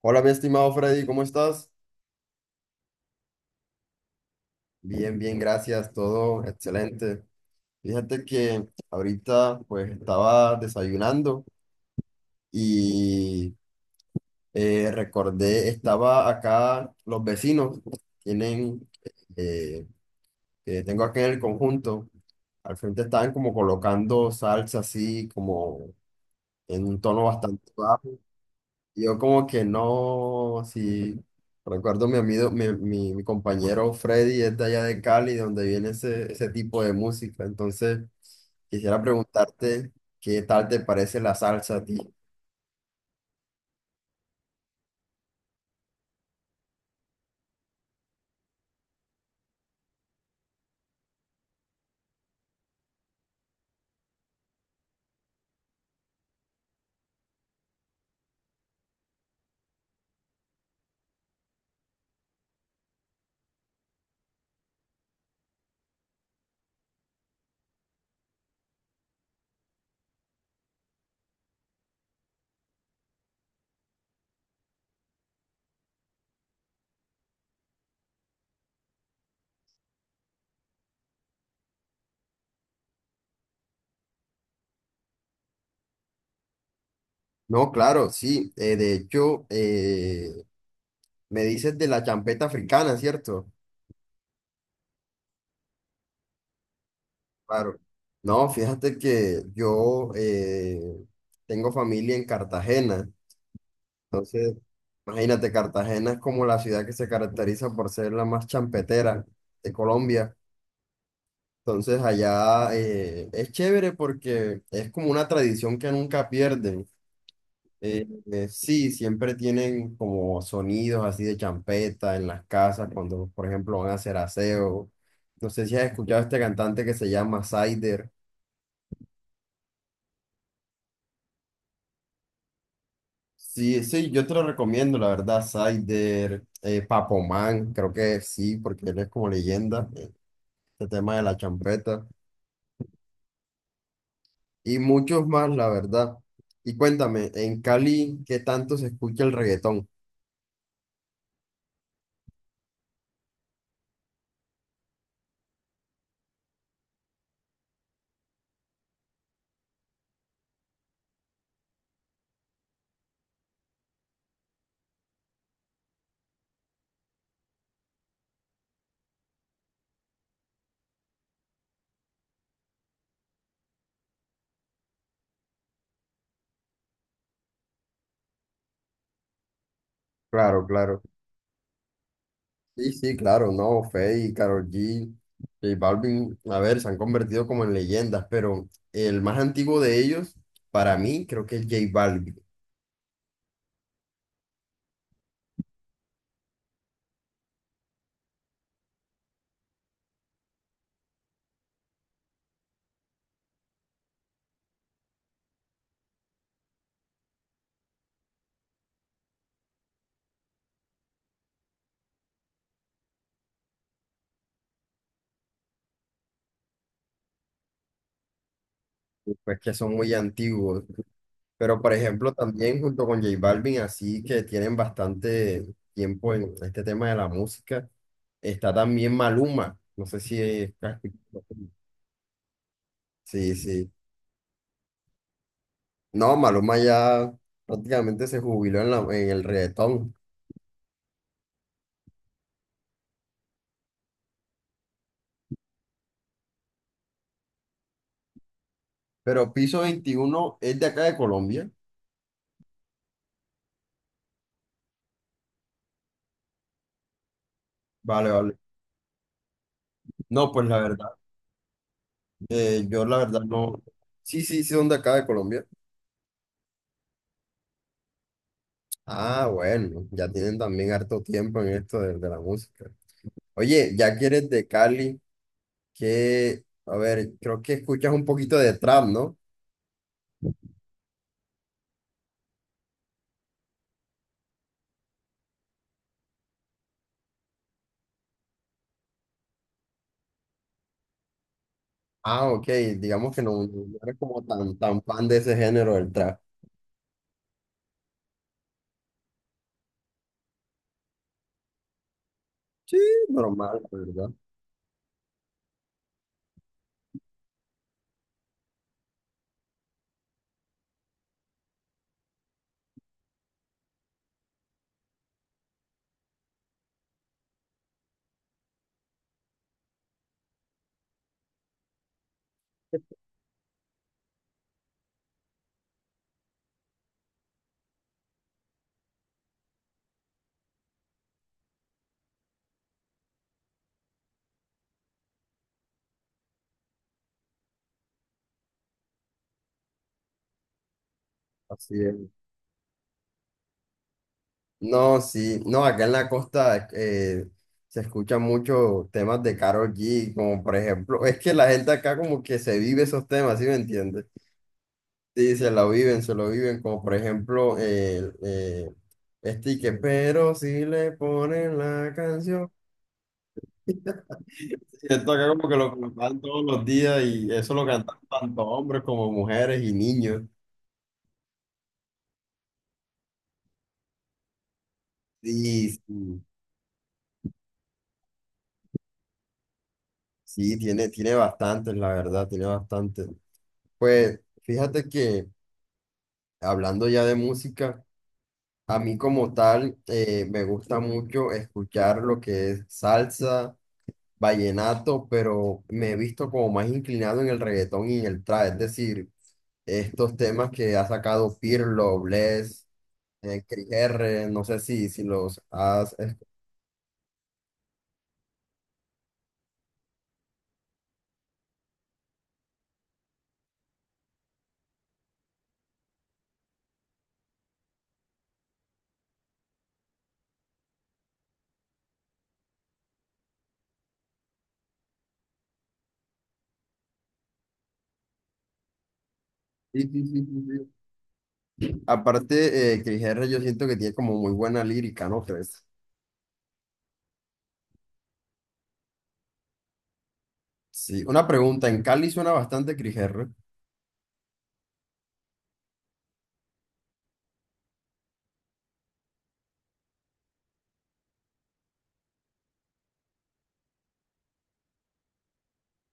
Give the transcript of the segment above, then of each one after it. Hola, mi estimado Freddy, ¿cómo estás? Bien, bien, gracias, todo excelente. Fíjate que ahorita pues estaba desayunando y recordé, estaba acá, los vecinos tienen, eh, que tengo acá en el conjunto, al frente estaban como colocando salsa así, como en un tono bastante. Yo como que no, si recuerdo mi amigo, mi compañero Freddy es de allá de Cali, donde viene ese tipo de música. Entonces, quisiera preguntarte qué tal te parece la salsa a ti. No, claro, sí. De hecho, me dices de la champeta africana, ¿cierto? Claro. No, fíjate que yo tengo familia en Cartagena. Entonces, imagínate, Cartagena es como la ciudad que se caracteriza por ser la más champetera de Colombia. Entonces allá es chévere porque es como una tradición que nunca pierden. Sí, siempre tienen como sonidos así de champeta en las casas cuando, por ejemplo, van a hacer aseo. No sé si has escuchado a este cantante que se llama Cider. Sí, sí, yo te lo recomiendo, la verdad, Cider, Papo Man, creo que sí, porque él es como leyenda, este tema de la champeta. Y muchos más, la verdad. Y cuéntame, en Cali, ¿qué tanto se escucha el reggaetón? Claro, claro. Sí, sí, claro, no, Feid, Karol G, J Balvin, a ver, se han convertido como en leyendas, pero el más antiguo de ellos, para mí, creo que es J Balvin, pues que son muy antiguos, pero por ejemplo, también junto con J Balvin, así que tienen bastante tiempo en este tema de la música, está también Maluma, no sé si es... Sí, sí. No, Maluma ya prácticamente se jubiló en, en el reggaetón. Pero Piso 21 es de acá de Colombia. Vale, vale. No, pues la verdad, yo la verdad no. Sí, sí, sí, son de acá de Colombia. Ah, bueno, ya tienen también harto tiempo en esto de la música. Oye, ya que eres de Cali, que, a ver, creo que escuchas un poquito de trap, ¿no? Ah, ok, digamos que no, no eres como tan fan de ese género del trap. Sí, normal, la verdad. Así es. No, sí, no, acá en la costa se escuchan muchos temas de Karol G, como por ejemplo, es que la gente acá como que se vive esos temas, ¿sí me entiendes? Sí, se lo viven, como por ejemplo, el este que, pero si le ponen la canción. Sí, esto acá como que lo cantan todos los días y eso lo cantan tanto hombres como mujeres y niños. Sí, sí, sí, tiene, tiene bastantes, la verdad, tiene bastantes. Pues fíjate que... hablando ya de música, a mí como tal me gusta mucho escuchar lo que es salsa, vallenato, pero me he visto como más inclinado en el reggaetón y en el trap, es decir, estos temas que ha sacado Pirlo, Bless, Cris R, no sé si los has... Sí, sí, sí, sí, sí. Aparte, Cris R yo siento que tiene como muy buena lírica, ¿no crees? Sí, una pregunta, ¿en Cali suena bastante Cris R?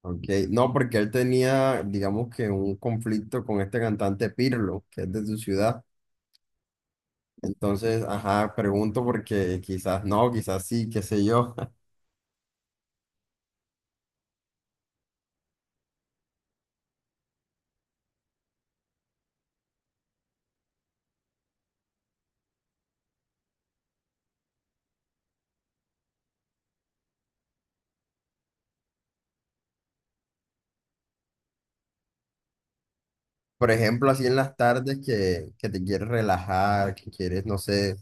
Ok. No, porque él tenía, digamos que un conflicto con este cantante Pirlo, que es de su ciudad. Entonces, ajá, pregunto porque quizás no, quizás sí, qué sé yo. Por ejemplo, así en las tardes que te quieres relajar, que quieres, no sé,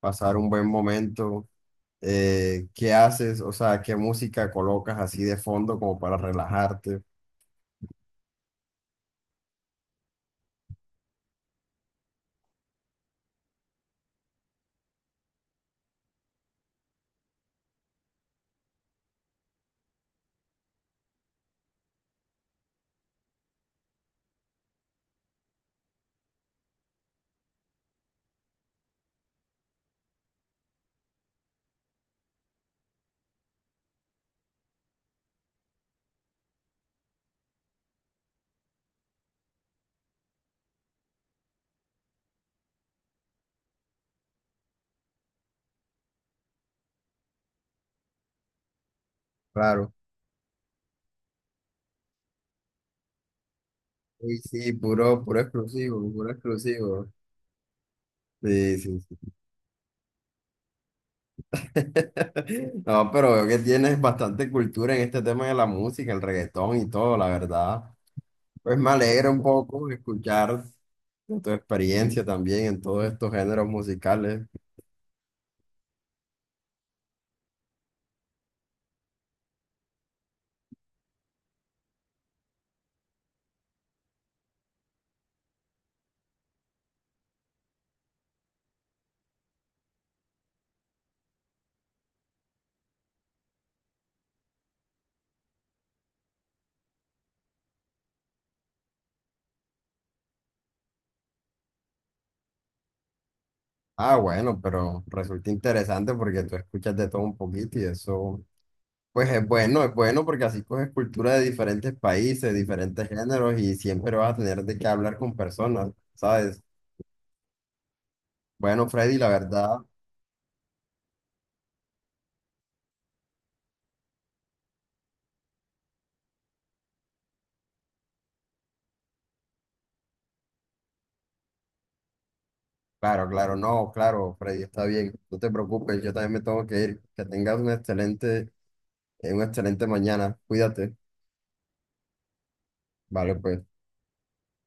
pasar un buen momento, ¿qué haces? O sea, ¿qué música colocas así de fondo como para relajarte? Claro. Uy, sí, puro, puro exclusivo, puro exclusivo. Sí, sí, sí. No, pero veo que tienes bastante cultura en este tema de la música, el reggaetón y todo, la verdad. Pues me alegra un poco escuchar de tu experiencia también en todos estos géneros musicales. Ah, bueno, pero resulta interesante porque tú escuchas de todo un poquito y eso, pues es bueno porque así coges cultura de diferentes países, diferentes géneros y siempre vas a tener de qué hablar con personas, ¿sabes? Bueno, Freddy, la verdad. Claro, claro, no, claro, Freddy, está bien, no te preocupes, yo también me tengo que ir. Que tengas un excelente, una excelente mañana, cuídate, vale, pues.